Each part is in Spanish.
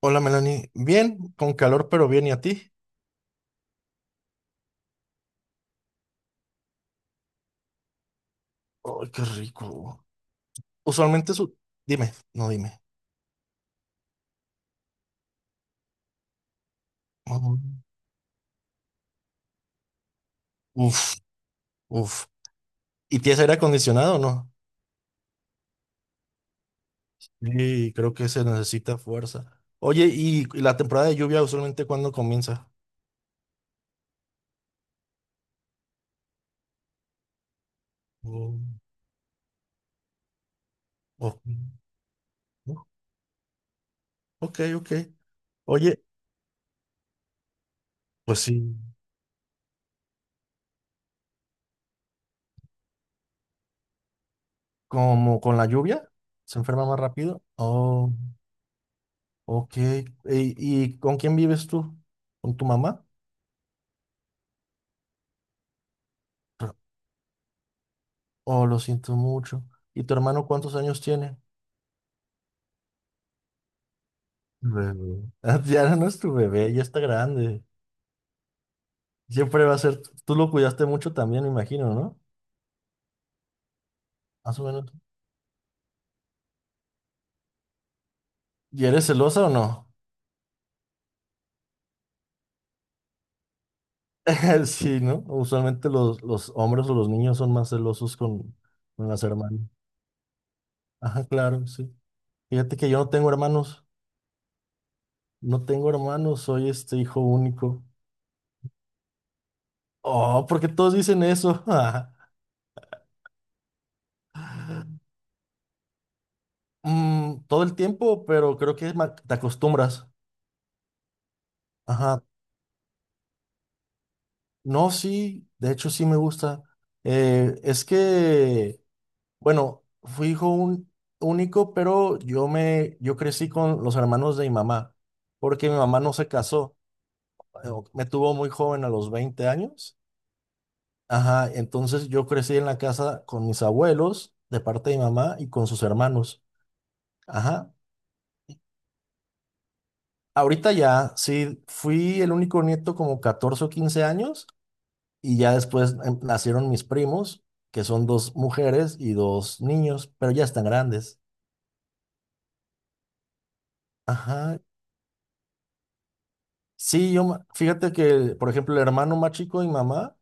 Hola Melanie, bien, con calor pero bien, ¿y a ti? Ay, qué rico. Usualmente su... Dime, no dime. Ujú. Uf, uf. ¿Y tienes aire acondicionado o no? Sí, creo que se necesita fuerza. Oye, ¿y la temporada de lluvia usualmente cuándo comienza? Oh, ok, no, ok. Ok. Oye, pues sí, como con la lluvia, se enferma más rápido. Oh, ok. ¿Y con quién vives tú? ¿Con tu mamá? Oh, lo siento mucho. ¿Y tu hermano cuántos años tiene? Bebé. Ya no es tu bebé, ya está grande. Siempre va a ser. Tú lo cuidaste mucho también, me imagino, ¿no? Más o menos. ¿Y eres celosa o no? Sí, ¿no? Usualmente los hombres o los niños son más celosos con las hermanas. Ajá, claro, sí. Fíjate que yo no tengo hermanos. No tengo hermanos, soy este hijo único. Oh, porque todos dicen eso. Mm, todo el tiempo, pero creo que te acostumbras. Ajá, no, sí, de hecho sí me gusta. Es que, bueno, fui hijo único, pero yo crecí con los hermanos de mi mamá, porque mi mamá no se casó, eh, me tuvo muy joven a los 20 años. Ajá, entonces yo crecí en la casa con mis abuelos, de parte de mi mamá, y con sus hermanos. Ajá. Ahorita ya, sí, fui el único nieto como 14 o 15 años. Y ya después nacieron mis primos, que son dos mujeres y dos niños, pero ya están grandes. Ajá. Sí, fíjate que, por ejemplo, el hermano más chico de mi mamá,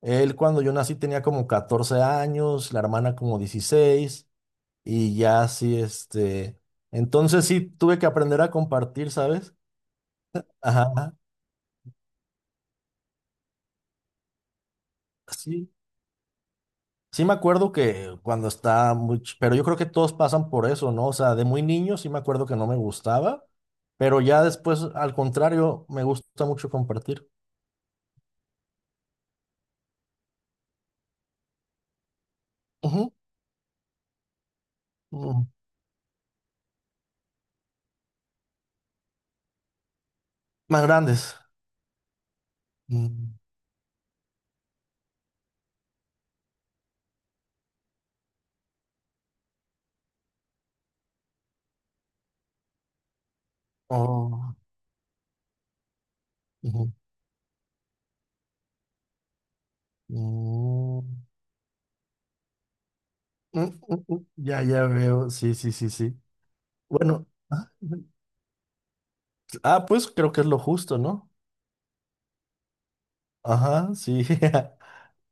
él cuando yo nací tenía como 14 años, la hermana como 16, y ya así, este, entonces sí tuve que aprender a compartir, ¿sabes? Ajá, sí. Sí me acuerdo que cuando estaba muy... Pero yo creo que todos pasan por eso, ¿no? O sea, de muy niño sí me acuerdo que no me gustaba, pero ya después, al contrario, me gusta mucho compartir. Ujú, ujú. Más grandes. Mm, oh, ujú, mm, mm, mm, mm. Ya, ya veo. Sí, sí, sí, sí. Bueno. Ah, ah, pues creo que es lo justo, ¿no? Ajá, sí.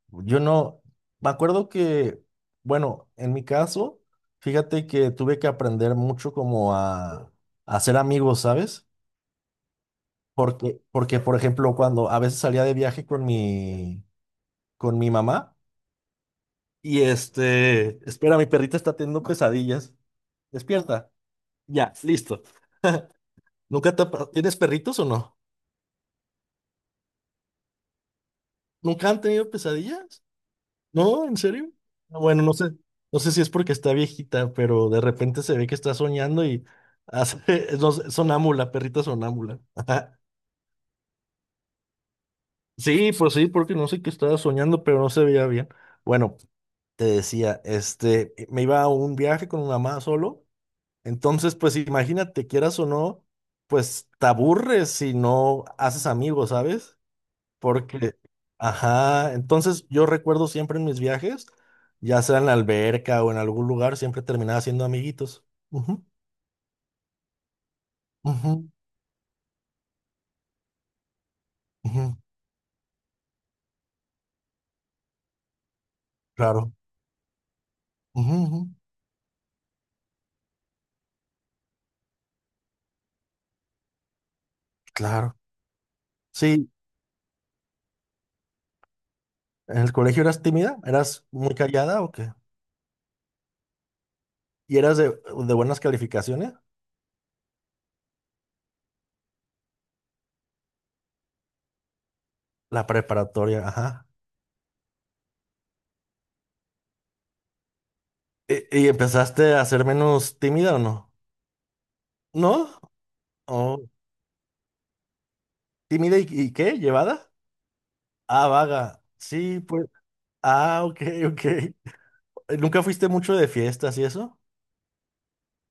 Yo no, me acuerdo que, bueno, en mi caso, fíjate que tuve que aprender mucho como a hacer amigos, ¿sabes? Porque, por ejemplo, cuando a veces salía de viaje con mi mamá y este, espera, mi perrita está teniendo pesadillas. Despierta. Ya, listo. ¿Nunca te ha pa- ¿Tienes perritos o no? ¿Nunca han tenido pesadillas? No, ¿en serio? No, bueno, no sé si es porque está viejita, pero de repente se ve que está soñando y hace, no sé, sonámbula, perrita sonámbula. Sí, pues sí, porque no sé qué estaba soñando, pero no se veía bien. Bueno, te decía, este, me iba a un viaje con mi mamá solo, entonces, pues imagínate, quieras o no, pues te aburres si no haces amigos, ¿sabes? Porque, ajá, entonces yo recuerdo siempre en mis viajes, ya sea en la alberca o en algún lugar, siempre terminaba siendo amiguitos. Ujú, ujú, ujú, claro, ujú, ujú, claro. Sí, ¿en el colegio eras tímida? ¿Eras muy callada o qué? ¿Y eras de buenas calificaciones? La preparatoria, ajá. ¿Y empezaste a ser menos tímida o no? ¿No? ¿O tímida y qué? ¿Llevada? Ah, vaga. Sí, pues. Ah, ok, ok. ¿Nunca fuiste mucho de fiestas y eso?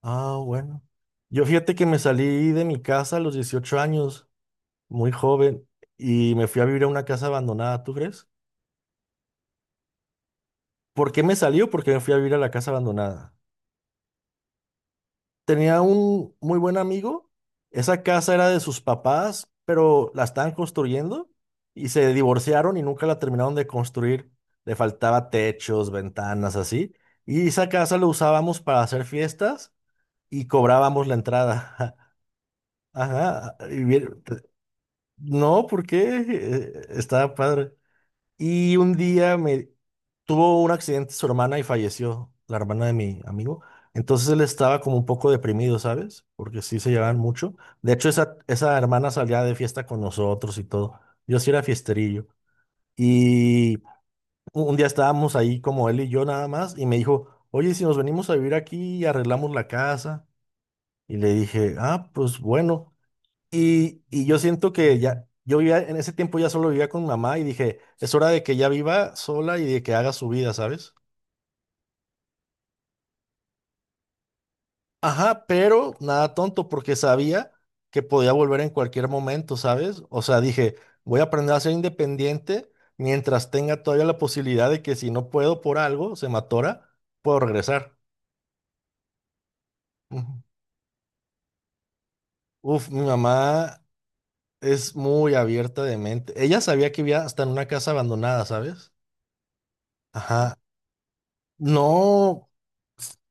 Ah, bueno. Yo fíjate que me salí de mi casa a los 18 años, muy joven, y me fui a vivir a una casa abandonada, ¿tú crees? ¿Por qué me salió? Porque me fui a vivir a la casa abandonada. Tenía un muy buen amigo, esa casa era de sus papás, pero la estaban construyendo y se divorciaron y nunca la terminaron de construir. Le faltaba techos, ventanas, así. Y esa casa lo usábamos para hacer fiestas y cobrábamos la entrada. Ajá, ah, y bien, no, ¿por qué? Estaba padre. Y un día me tuvo un accidente su hermana y falleció, la hermana de mi amigo. Entonces él estaba como un poco deprimido, ¿sabes? Porque sí se llevaban mucho. De hecho, esa hermana salía de fiesta con nosotros y todo. Yo sí era fiesterillo. Y un día estábamos ahí como él y yo nada más y me dijo, oye, si nos venimos a vivir aquí y arreglamos la casa. Y le dije, ah, pues bueno. Y yo siento que ya, yo vivía, en ese tiempo ya solo vivía con mamá y dije, es hora de que ya viva sola y de que haga su vida, ¿sabes? Ajá, pero nada tonto porque sabía que podía volver en cualquier momento, ¿sabes? O sea, dije, voy a aprender a ser independiente mientras tenga todavía la posibilidad de que si no puedo por algo, se me atora, puedo regresar. Ujú. Uf, mi mamá es muy abierta de mente. Ella sabía que vivía hasta en una casa abandonada, ¿sabes? Ajá. No,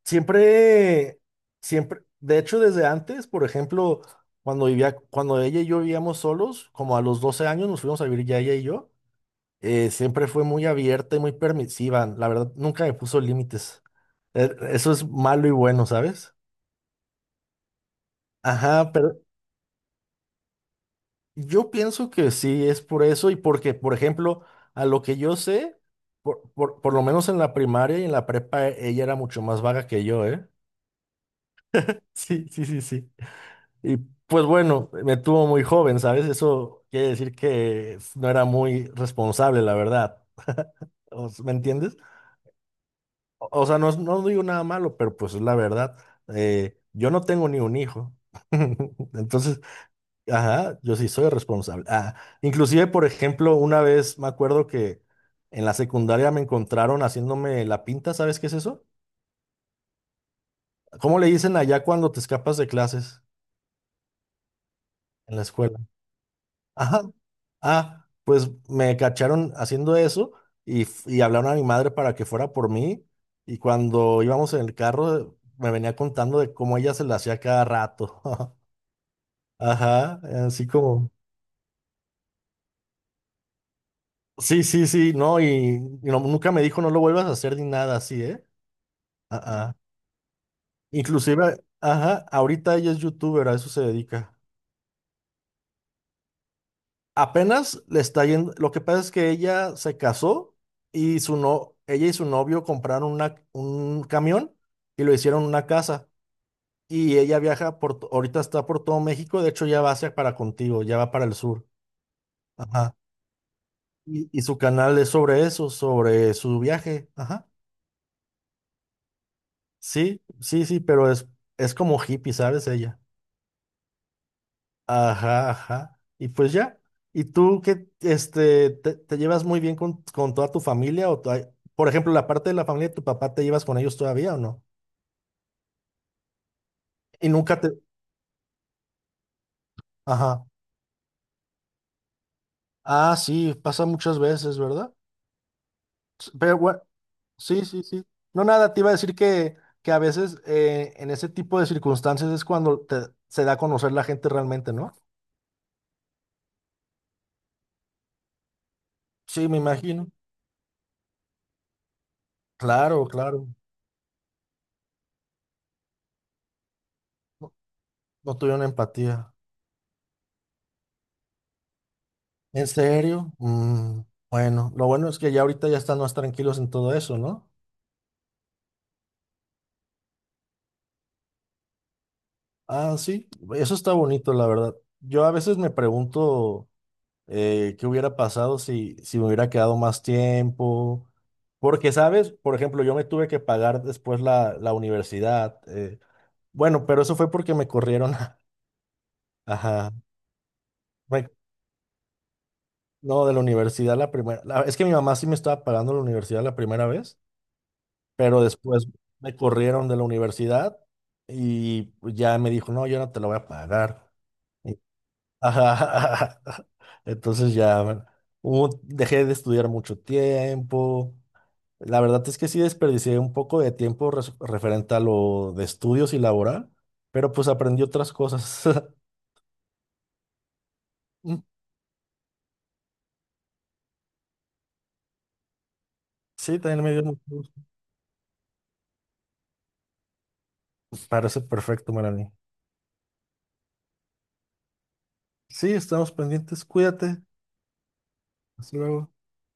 siempre, siempre, de hecho, desde antes, por ejemplo, cuando ella y yo vivíamos solos, como a los 12 años nos fuimos a vivir ya ella y yo, siempre fue muy abierta y muy permisiva. La verdad, nunca me puso límites. Eso es malo y bueno, ¿sabes? Ajá, pero yo pienso que sí es por eso y porque, por ejemplo, a lo que yo sé, por lo menos en la primaria y en la prepa, ella era mucho más vaga que yo, ¿eh? Sí, sí, sí, sí. Y pues bueno, me tuvo muy joven, ¿sabes? Eso quiere decir que no era muy responsable, la verdad. ¿Me entiendes? O sea, no, no digo nada malo, pero pues es la verdad. Yo no tengo ni un hijo. Entonces, ajá, yo sí soy responsable. Ah, inclusive, por ejemplo, una vez me acuerdo que en la secundaria me encontraron haciéndome la pinta, ¿sabes qué es eso? ¿Cómo le dicen allá cuando te escapas de clases en la escuela? Ajá. Ah, pues me cacharon haciendo eso y hablaron a mi madre para que fuera por mí. Y cuando íbamos en el carro, me venía contando de cómo ella se la hacía cada rato. Ajá, así como. Sí, sí, sí, no, y nunca me dijo no lo vuelvas a hacer ni nada así, ¿eh? Ah, ah. Inclusive, ajá, ahorita ella es youtuber, a eso se dedica. Apenas le está yendo. Lo que pasa es que ella se casó y su no, ella y su novio compraron un camión y lo hicieron una casa. Y ella viaja ahorita está por todo México, de hecho ya va hacia para contigo, ya va para el sur. Ajá. Y su canal es sobre eso, sobre su viaje. Ajá. Sí, sí, sí, pero es como hippie, ¿sabes? Ella. Ajá, ajá. Y pues ya. ¿Y tú qué, este, te llevas muy bien con toda tu familia? O por ejemplo, la parte de la familia de tu papá, ¿te llevas con ellos todavía o no? Y nunca te... Ajá. Ah, sí, pasa muchas veces, ¿verdad? Pero bueno, sí, sí, sí. No, nada, te iba a decir que a veces en ese tipo de circunstancias es cuando se da a conocer la gente realmente, ¿no? Sí, me imagino. Claro, claro. No, no tuvieron empatía. ¿En serio? Bueno, lo bueno es que ya ahorita ya están más tranquilos en todo eso, ¿no? Ah, sí, eso está bonito, la verdad. Yo a veces me pregunto qué hubiera pasado si, si me hubiera quedado más tiempo, porque, ¿sabes? Por ejemplo, yo me tuve que pagar después la universidad. Bueno, pero eso fue porque me corrieron. Ajá. me- no, de la universidad la primera. Es que mi mamá sí me estaba pagando la universidad la primera vez. Pero después me corrieron de la universidad y ya me dijo, no, yo no te lo voy a pagar. Y- Ajá. Entonces ya bueno, dejé de estudiar mucho tiempo. La verdad es que sí desperdicié un poco de tiempo referente a lo de estudios y laboral, pero pues aprendí otras cosas. Mm, Sí, también me dio mucho gusto. Parece perfecto, Melanie. Sí, estamos pendientes. Cuídate. Hasta luego.